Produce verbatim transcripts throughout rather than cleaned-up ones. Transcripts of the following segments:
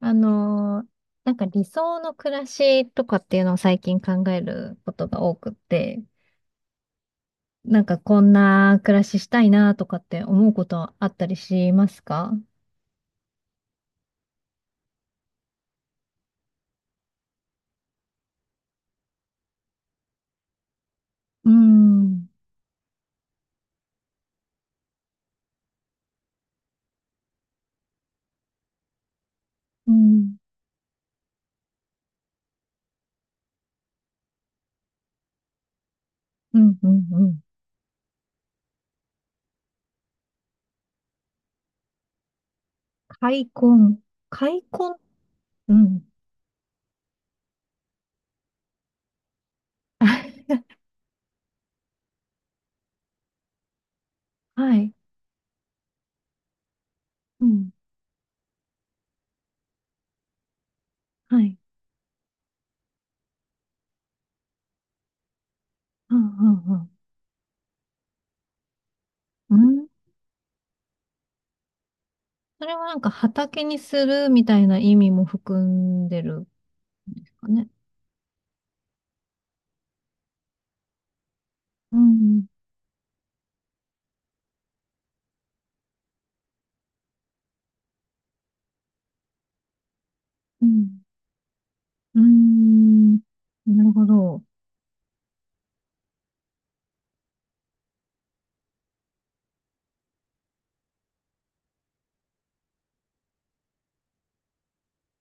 あのーなんか理想の暮らしとかっていうのを最近考えることが多くって、なんかこんな暮らししたいなとかって思うことあったりしますか？うーん。うん、うん、うん、うん。開墾。開墾。うん。はい。うん。はい。うん、うん、うん。うん。それはなんか畑にするみたいな意味も含んでるんですかね？うん、うん。うーんなるほど。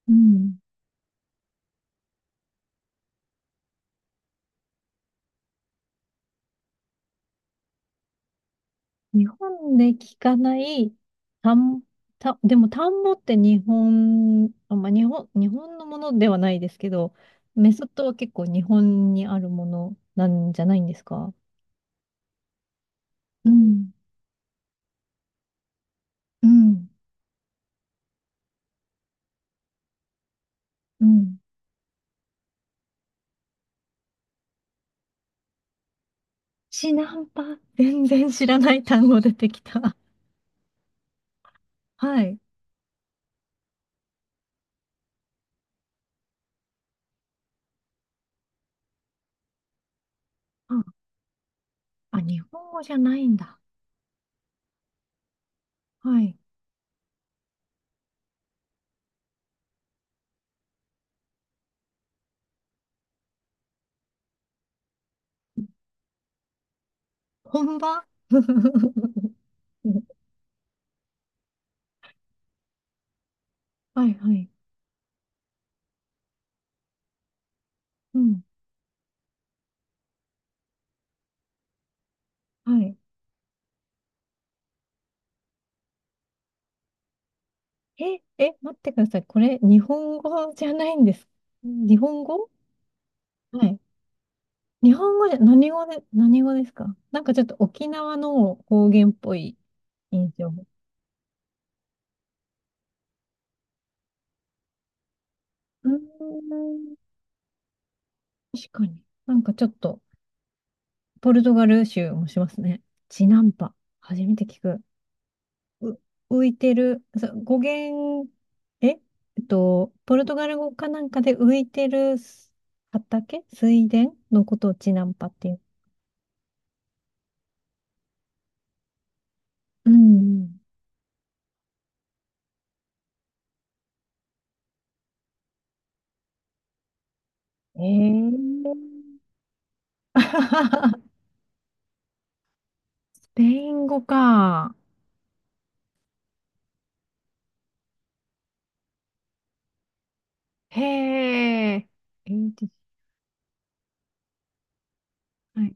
うん。日本で聞かない単、田た、でも田んぼって日本、あ、まあ、日本、日本のものではないですけど、メソッドは結構日本にあるものなんじゃないんですか？うん、うん、うん。シナンパ、全然知らない単語出てきた。はい。あ、あ、日本語じゃないんだ。はい。本場。 はいはい。うん。はい。え、え、待ってください。これ、日本語じゃないんです。日本語。はい。日本語で、何語で、何語ですか？なんかちょっと沖縄の方言っぽい印象。うーん、確かに。なんかちょっと、ポルトガル州もしますね。チナンパ。初めて聞く。う、浮いてる、そう、語源、ええっと、ポルトガル語かなんかで浮いてるす畑水田のことをチナンパっていう。うん。うん。えー、スペイン語か。へえ。えーじはい。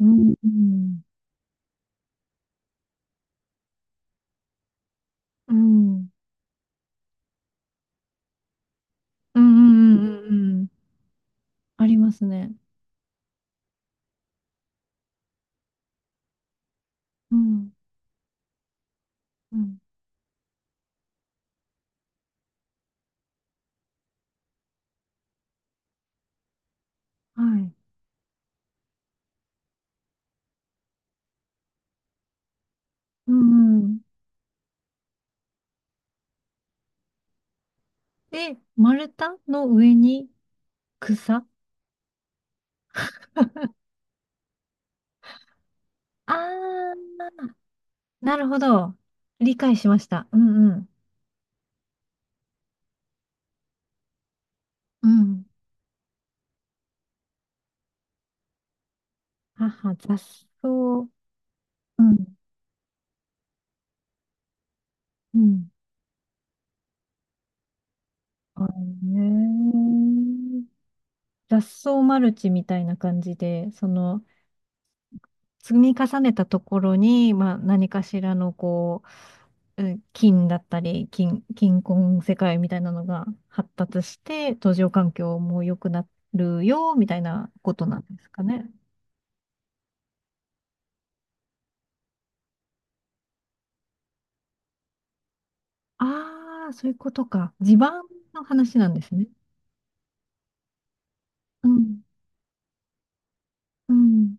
うん、うん、うん、うん、うん、うん、うん。うん。ありますね。うん、うん。はい。うん、うん。で、丸太の上に草。あー、なるほど。理解しました。うん、うん。うん。母、雑草。うん。うん。あれね。雑草マルチみたいな感じで、その、積み重ねたところに、まあ、何かしらのこう、うん、金だったり、金、金婚世界みたいなのが発達して、途上環境も良くなるよ、みたいなことなんですかね？ああ、そういうことか。地盤の話なんですね。うん、うん、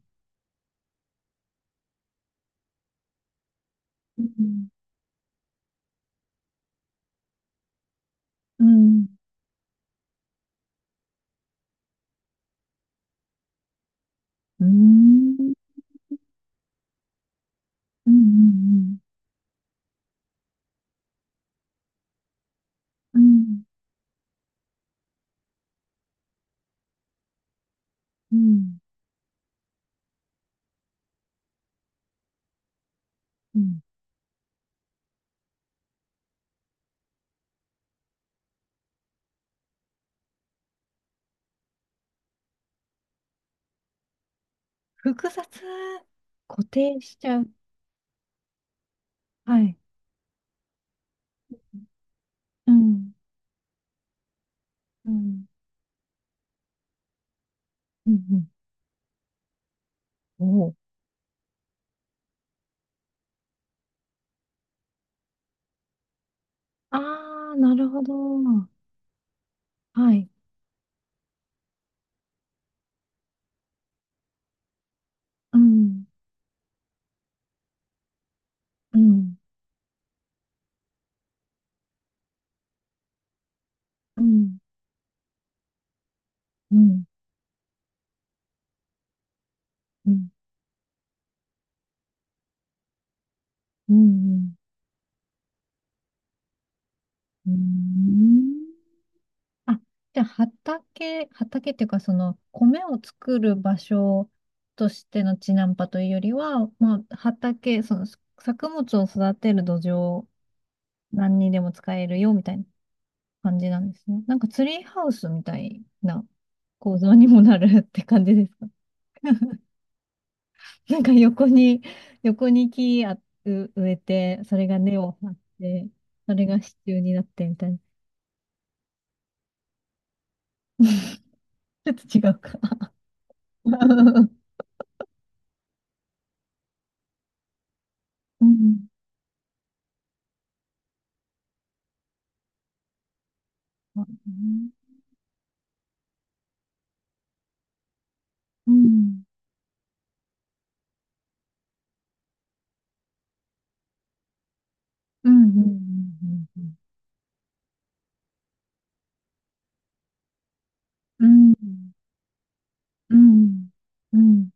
うん、うん、うん、うん、うん、うん、うん。複雑、固定しちゃう。はい。うん、うん、うん、うん、おう。ああ、なるほど。はい。うん、うん、うん、うん、うん、うん、うん。あ、じゃあ畑、畑っていうか、その、米を作る場所としての地ナンパというよりは、まあ、畑、その、作物を育てる土壌、何にでも使えるよ、みたいな感じなんですね。なんか、ツリーハウスみたいな構造にもなるって感じですか？なんか横に、横に木あう植えて、それが根を張って、それが支柱になってみたいな。ちょっと違うか。うん。うねうん。うん。うん。うん。うん。うん。うん。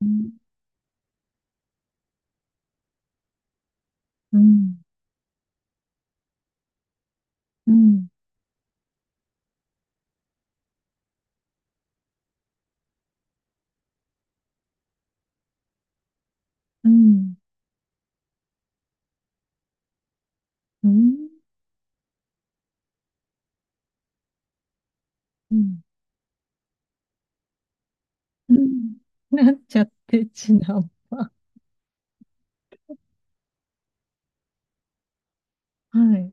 うん。うん。うん。うん。うん、なっちゃって、ちなま。はい。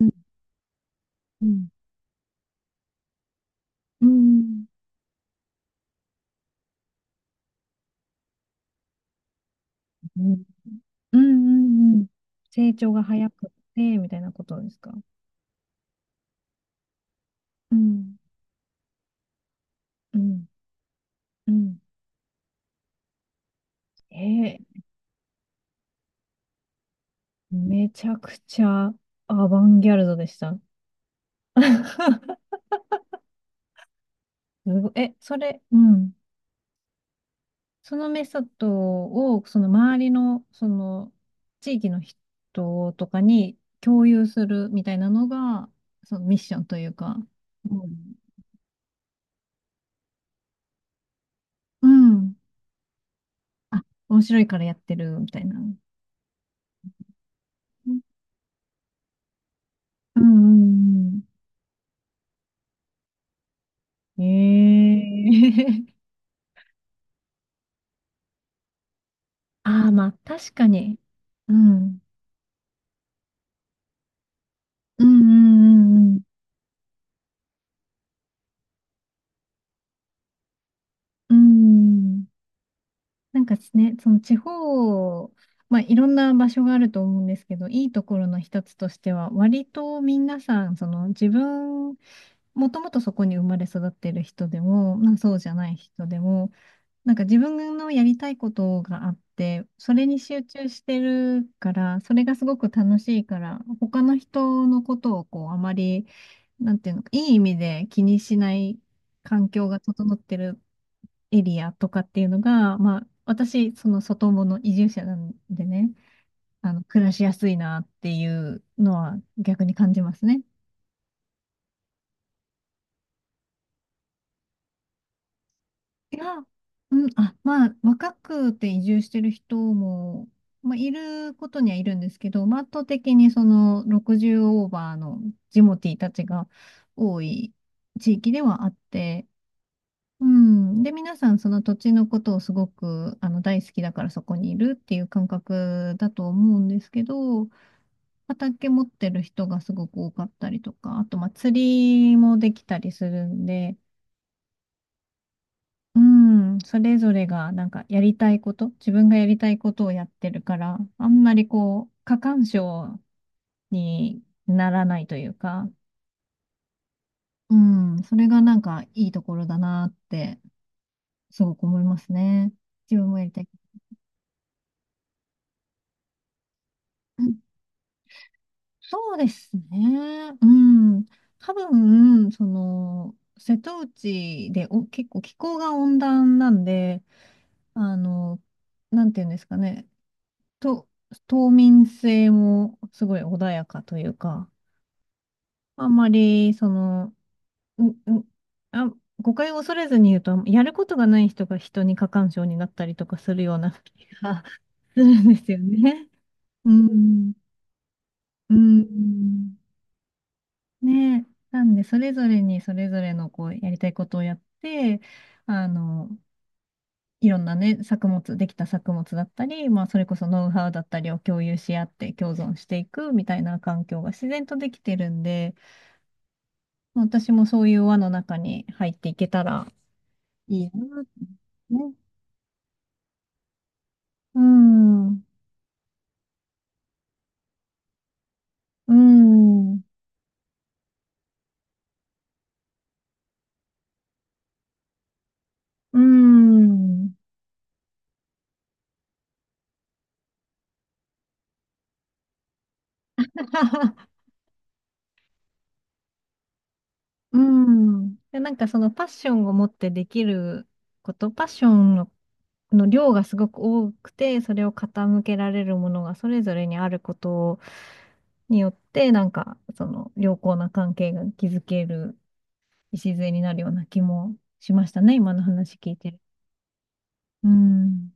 うん。うん。うん。うん、うん、うん。成長が早くて、みたいなことですか？うん、うん、うん。えー、めちゃくちゃアバンギャルドでした。すごいえ、それ、うん。そのメソッドを、その周りの、その、地域の人とかに共有するみたいなのが、そのミッションというか、うん。うん。あ、面白いからやってるみたいな。うん、うん、うん。ええ。 ああ、まあ、確かに。うん。うん、うん、うん、うん。うん。なんかね、その地方、まあ、いろんな場所があると思うんですけど、いいところの一つとしては、割と皆さん、その自分、もともとそこに生まれ育ってる人でも、まあ、そうじゃない人でも、なんか自分のやりたいことがあって、それに集中してるから、それがすごく楽しいから、他の人のことをこう、あまり、なんていうのか、いい意味で気にしない環境が整ってるエリアとかっていうのが、まあ、私、その外もの移住者なんでね、あの、暮らしやすいなっていうのは逆に感じますね。いや、うん、あ、まあ、若くて移住してる人も、まあ、いることにはいるんですけど、まあ、圧倒的にそのろくじゅうオーバーのジモティーたちが多い地域ではあって、うん。で、皆さんその土地のことをすごく、あの、大好きだからそこにいるっていう感覚だと思うんですけど、畑持ってる人がすごく多かったりとか、あと、まあ、釣りもできたりするんで、うん、それぞれがなんかやりたいこと、自分がやりたいことをやってるから、あんまりこう、過干渉にならないというか、うん、それがなんかいいところだなって、すごく思いますね。自分もやりたい。うん、そうですね。うん。多分、その、瀬戸内でお、結構気候が温暖なんで、あの、なんていうんですかね。と、冬眠性もすごい穏やかというか、あんまり、その、う、う、あ、誤解を恐れずに言うと、やることがない人が人に過干渉になったりとかするような気が するんですよね。うん。うん。ねえ。なんで、それぞれにそれぞれのこう、やりたいことをやって、あの、いろんなね、作物、できた作物だったり、まあ、それこそノウハウだったりを共有し合って共存していくみたいな環境が自然とできてるんで、まあ私もそういう輪の中に入っていけたらいいなってね。うん、うん。うん。うん。で、なんかそのパッションを持ってできること、パッションの、の量がすごく多くて、それを傾けられるものがそれぞれにあることによって、なんかその良好な関係が築ける礎になるような気もしましたね、今の話聞いてる。うん。